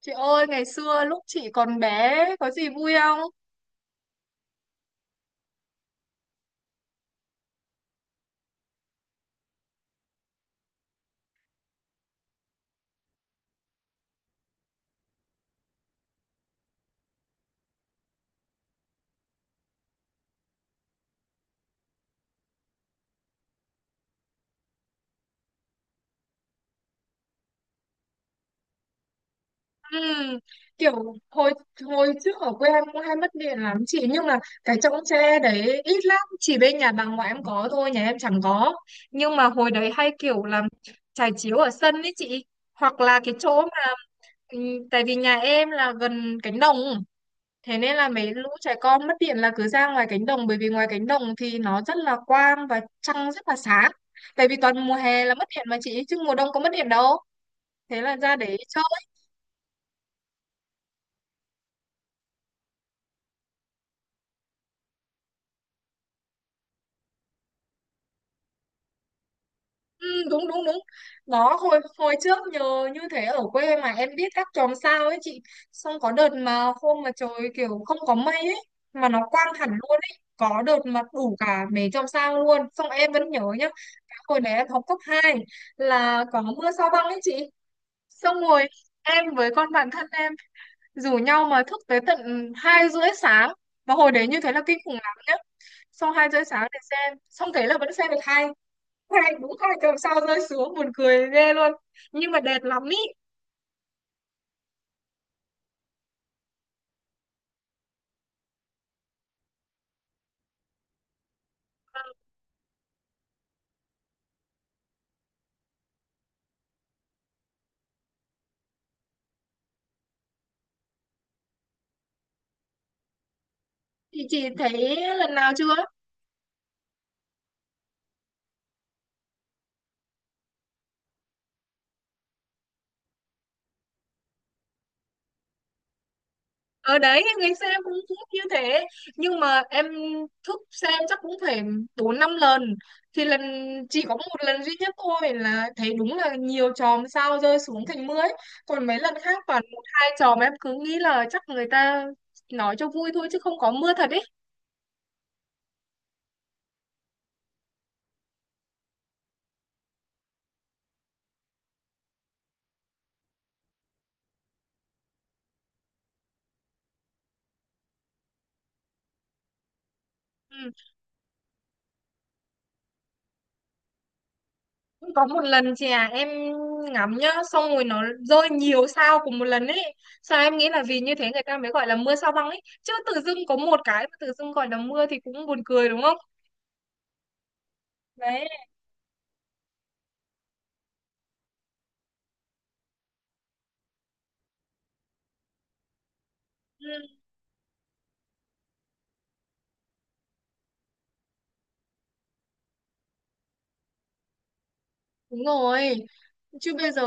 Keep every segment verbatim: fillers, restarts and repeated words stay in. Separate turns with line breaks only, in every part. Chị ơi, ngày xưa lúc chị còn bé có gì vui không? Ừm, kiểu hồi hồi trước ở quê em cũng hay mất điện lắm chị, nhưng mà cái chõng tre đấy ít lắm, chỉ bên nhà bà ngoại em có thôi, nhà em chẳng có. Nhưng mà hồi đấy hay kiểu làm trải chiếu ở sân ấy chị, hoặc là cái chỗ mà ừm, tại vì nhà em là gần cánh đồng. Thế nên là mấy lũ trẻ con mất điện là cứ ra ngoài cánh đồng, bởi vì ngoài cánh đồng thì nó rất là quang và trăng rất là sáng. Tại vì toàn mùa hè là mất điện mà chị, chứ mùa đông có mất điện đâu. Thế là ra để chơi. Ừ, đúng đúng đúng. Đó, hồi hồi trước nhờ như thế ở quê mà em biết các chòm sao ấy chị. Xong có đợt mà hôm mà trời kiểu không có mây ấy, mà nó quang hẳn luôn ấy. Có đợt mà đủ cả mấy chòm sao luôn. Xong em vẫn nhớ nhá. Cái hồi đấy em học cấp hai là có mưa sao băng ấy chị. Xong rồi em với con bạn thân em rủ nhau mà thức tới tận hai rưỡi sáng, và hồi đấy như thế là kinh khủng lắm nhá. Xong hai rưỡi sáng để xem, xong thế là vẫn xem được hai hai đúng hai tuần sau rơi xuống, buồn cười ghê luôn, nhưng mà đẹp lắm ý. Thì chị thấy lần nào chưa? Ở đấy ngày xưa em cũng thức như thế, nhưng mà em thức xem chắc cũng phải bốn năm lần. Thì lần chỉ có một lần duy nhất thôi là thấy đúng là nhiều chòm sao rơi xuống thành mưa ấy. Còn mấy lần khác toàn một hai chòm, em cứ nghĩ là chắc người ta nói cho vui thôi chứ không có mưa thật ấy. Ừ. Có một lần chị à, em ngắm nhá, xong rồi nó rơi nhiều sao cùng một lần ấy. Sao em nghĩ là vì như thế người ta mới gọi là mưa sao băng ấy chứ, tự dưng có một cái mà tự dưng gọi là mưa thì cũng buồn cười đúng không? Đấy. Ừ, đúng rồi, chứ bây giờ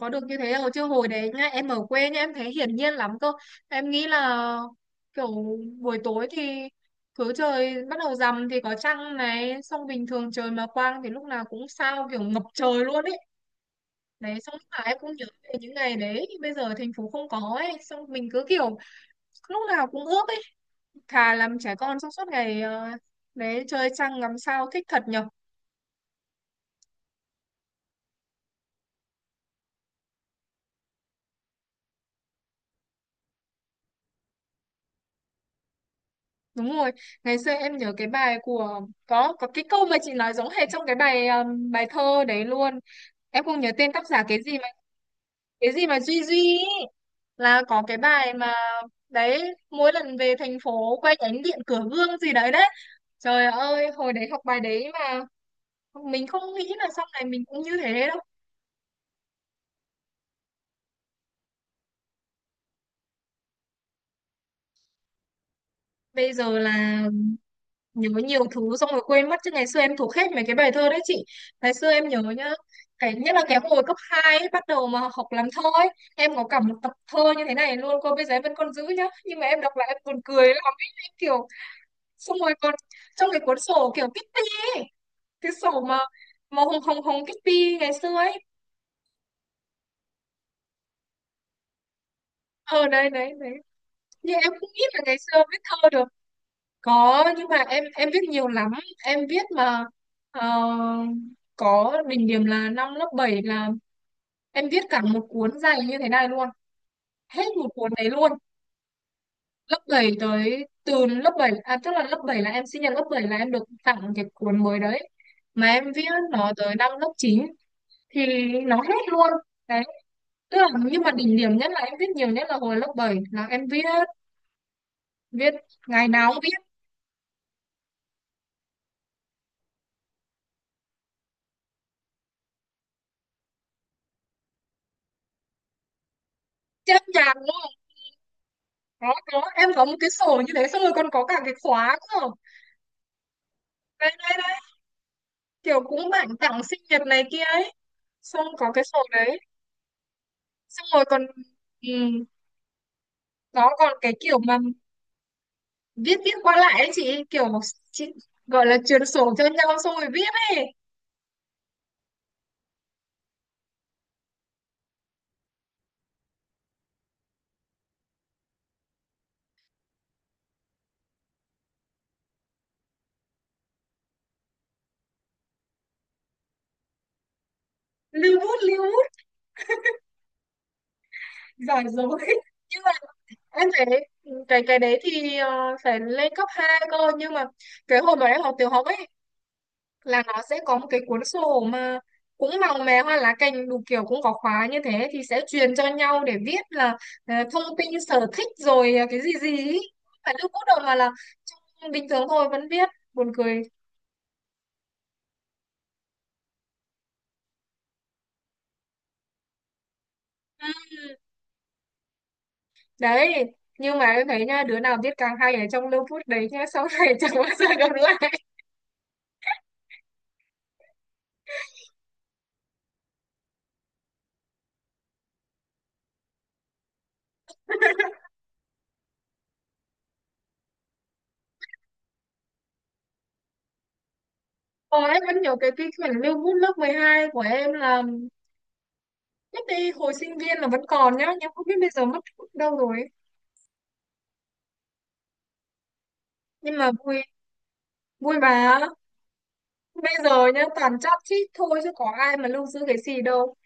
có được như thế đâu, chứ hồi đấy nhá, em ở quê nhá, em thấy hiển nhiên lắm cơ. Em nghĩ là kiểu buổi tối thì cứ trời bắt đầu rằm thì có trăng này, xong bình thường trời mà quang thì lúc nào cũng sao, kiểu ngập trời luôn ấy đấy. Xong lúc nào em cũng nhớ về những ngày đấy, bây giờ thành phố không có ấy, xong mình cứ kiểu lúc nào cũng ước ấy, thà làm trẻ con trong suốt ngày. ờ, Đấy chơi trăng ngắm sao thích thật nhở. Đúng rồi, ngày xưa em nhớ cái bài của, có có cái câu mà chị nói giống hệt trong cái bài um, bài thơ đấy luôn. Em không nhớ tên tác giả, cái gì mà cái gì mà Duy Duy ý. Là có cái bài mà đấy, mỗi lần về thành phố quay ánh điện cửa gương gì đấy đấy. Trời ơi, hồi đấy học bài đấy mà mình không nghĩ là sau này mình cũng như thế đâu. Bây giờ là nhớ nhiều thứ xong rồi quên mất, chứ ngày xưa em thuộc hết mấy cái bài thơ đấy chị. Ngày xưa em nhớ nhá, cái nhất là cái hồi cấp hai ấy, bắt đầu mà học làm thơ ấy, em có cả một tập thơ như thế này luôn cô, bây giờ em vẫn còn giữ nhá, nhưng mà em đọc lại em buồn cười lắm ấy, em kiểu xong rồi còn trong cái cuốn sổ kiểu Kitty ấy, cái sổ mà màu hồng hồng hồng Kitty ngày xưa ấy. Ờ đấy đấy đấy, nhưng em không nghĩ là ngày xưa viết thơ được. Có, nhưng mà em em viết nhiều lắm. Em viết mà, ờ, có đỉnh điểm là năm lớp bảy là em viết cả một cuốn dày như thế này luôn, hết một cuốn đấy luôn. Lớp bảy tới từ lớp bảy à, tức là lớp bảy là em sinh nhật lớp bảy là em được tặng cái cuốn mới đấy, mà em viết nó tới năm lớp chín thì nó hết luôn đấy. Tức là, nhưng mà đỉnh điểm nhất là em viết nhiều nhất là hồi lớp bảy là em viết, viết ngày nào cũng viết. Chết nhàn luôn. Có có em có một cái sổ như thế, xong rồi còn có cả cái khóa cơ. Đây đây đây, kiểu cũng bạn tặng sinh nhật này kia ấy, xong có cái sổ đấy. Xong rồi còn ừ, nó còn cái kiểu mà viết viết qua lại ấy chị, kiểu một- chị gọi là truyền sổ cho nhau xong rồi viết ấy. Lưu bút lưu bút giỏi rồi nhưng mà em thấy cái cái đấy thì ờ, phải lên cấp hai cơ, nhưng mà cái hồi mà em học tiểu học ấy là nó sẽ có một cái cuốn sổ mà cũng màu mè hoa lá cành đủ kiểu cũng có khóa như thế, thì sẽ truyền cho nhau để viết là ờ, thông tin sở thích rồi ờ, cái gì gì ý. Không phải lưu bút đâu mà là trong- bình thường thôi vẫn viết, buồn cười. Ừm, đấy, nhưng mà em thấy nha, đứa nào viết càng hay ở trong lưu bút đấy nhá, sau này chẳng bao giờ gặp lại. Còn em vẫn nhớ cái cái quyển lưu bút lớp mười hai của em là lúc đi hồi sinh viên là vẫn còn nhá, nhưng không biết bây giờ mất đâu rồi ấy. Nhưng mà vui, vui mà, bây giờ nhá toàn chát chít thôi chứ có ai mà lưu giữ cái gì đâu.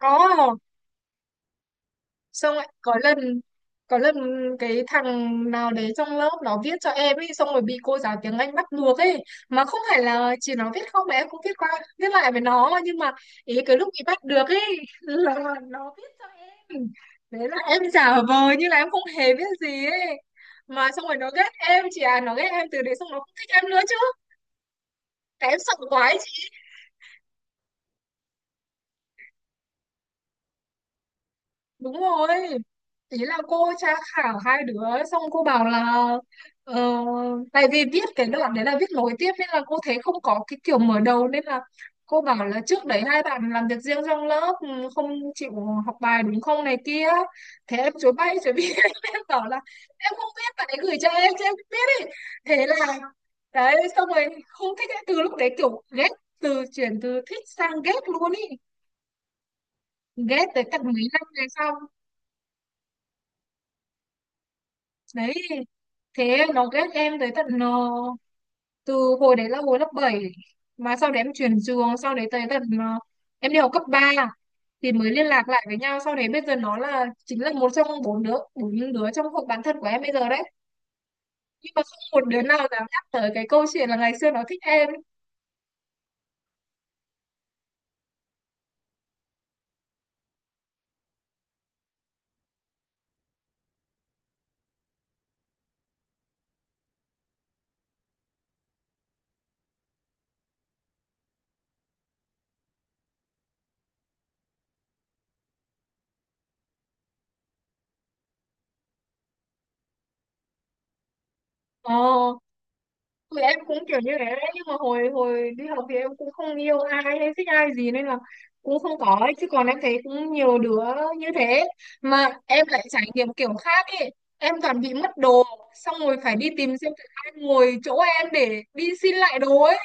Có. Xong lại có lần, có lần cái thằng nào đấy trong lớp nó viết cho em ấy, xong rồi bị cô giáo tiếng Anh bắt ngược ấy, mà không phải là chỉ nó viết không mà em cũng viết qua viết lại với nó, nhưng mà ý cái lúc bị bắt được ấy là nó viết cho em đấy, là em giả vờ như là em không hề biết gì ấy, mà xong rồi nó ghét em chị à, nó ghét em từ đấy, xong nó không thích em nữa chứ, tại em sợ quá ấy chị. Đúng rồi, ý là cô tra khảo hai đứa, xong cô bảo là ờ, tại vì viết cái đoạn đấy là viết nối tiếp nên là cô thấy không có cái kiểu mở đầu, nên là cô bảo là trước đấy hai bạn làm việc riêng trong lớp, ừ, không chịu học bài đúng không này kia. Thế em chối bay chối bị em bảo là em không biết, bạn ấy gửi cho em chứ em không biết ấy. Thế là đấy xong rồi không thích ấy. Từ lúc đấy kiểu ghét, từ chuyển từ thích sang ghét luôn ý, ghét tới tận mấy năm về sau đấy. Thế nó ghét em tới tận, ờ, từ hồi đấy là hồi lớp bảy, mà sau đấy em chuyển trường, sau đấy tới tận, ờ, em đi học cấp ba thì mới liên lạc lại với nhau. Sau đấy bây giờ nó là chính là một trong bốn đứa, bốn đứa trong hội bạn thân của em bây giờ đấy, nhưng mà không một đứa nào dám nhắc tới cái câu chuyện là ngày xưa nó thích em. Ờ thì em cũng kiểu như thế đấy, nhưng mà hồi hồi đi học thì em cũng không yêu ai hay thích ai gì nên là cũng không có ấy. Chứ còn em thấy cũng nhiều đứa như thế, mà em lại trải nghiệm kiểu khác ấy, em toàn bị mất đồ xong rồi phải đi tìm xem thử ai ngồi chỗ em để đi xin lại đồ ấy,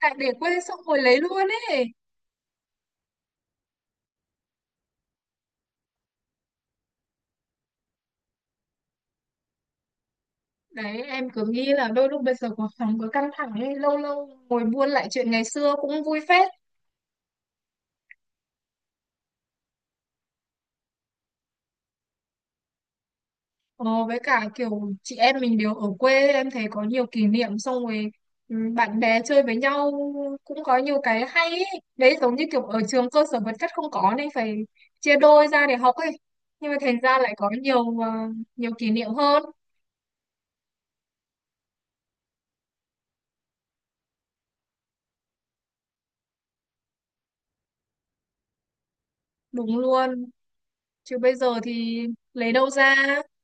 tại để quên xong rồi lấy luôn ấy. Đấy em cứ nghĩ là đôi lúc bây giờ cuộc sống cứ căng thẳng ấy, lâu lâu ngồi buôn lại chuyện ngày xưa cũng vui phết. Ờ, với cả kiểu chị em mình đều ở quê, em thấy có nhiều kỷ niệm, xong rồi ừ, bạn bè chơi với nhau cũng có nhiều cái hay ấy. Đấy giống như kiểu ở trường cơ sở vật chất không có nên phải chia đôi ra để học ấy, nhưng mà thành ra lại có nhiều ờ, nhiều kỷ niệm hơn. Đúng luôn, chứ bây giờ thì lấy đâu ra.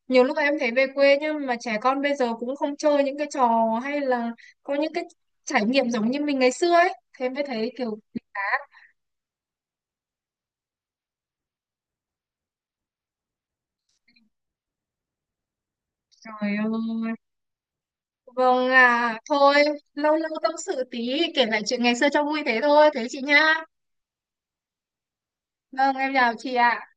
Nhiều lúc em thấy về quê nhưng mà trẻ con bây giờ cũng không chơi những cái trò, hay là có những cái trải nghiệm giống như mình ngày xưa ấy, thế mới thấy kiểu. Trời ơi. Vâng, à, thôi, lâu lâu tâm sự tí, kể lại chuyện ngày xưa cho vui thế thôi, thế chị nhá. Vâng, em chào chị ạ.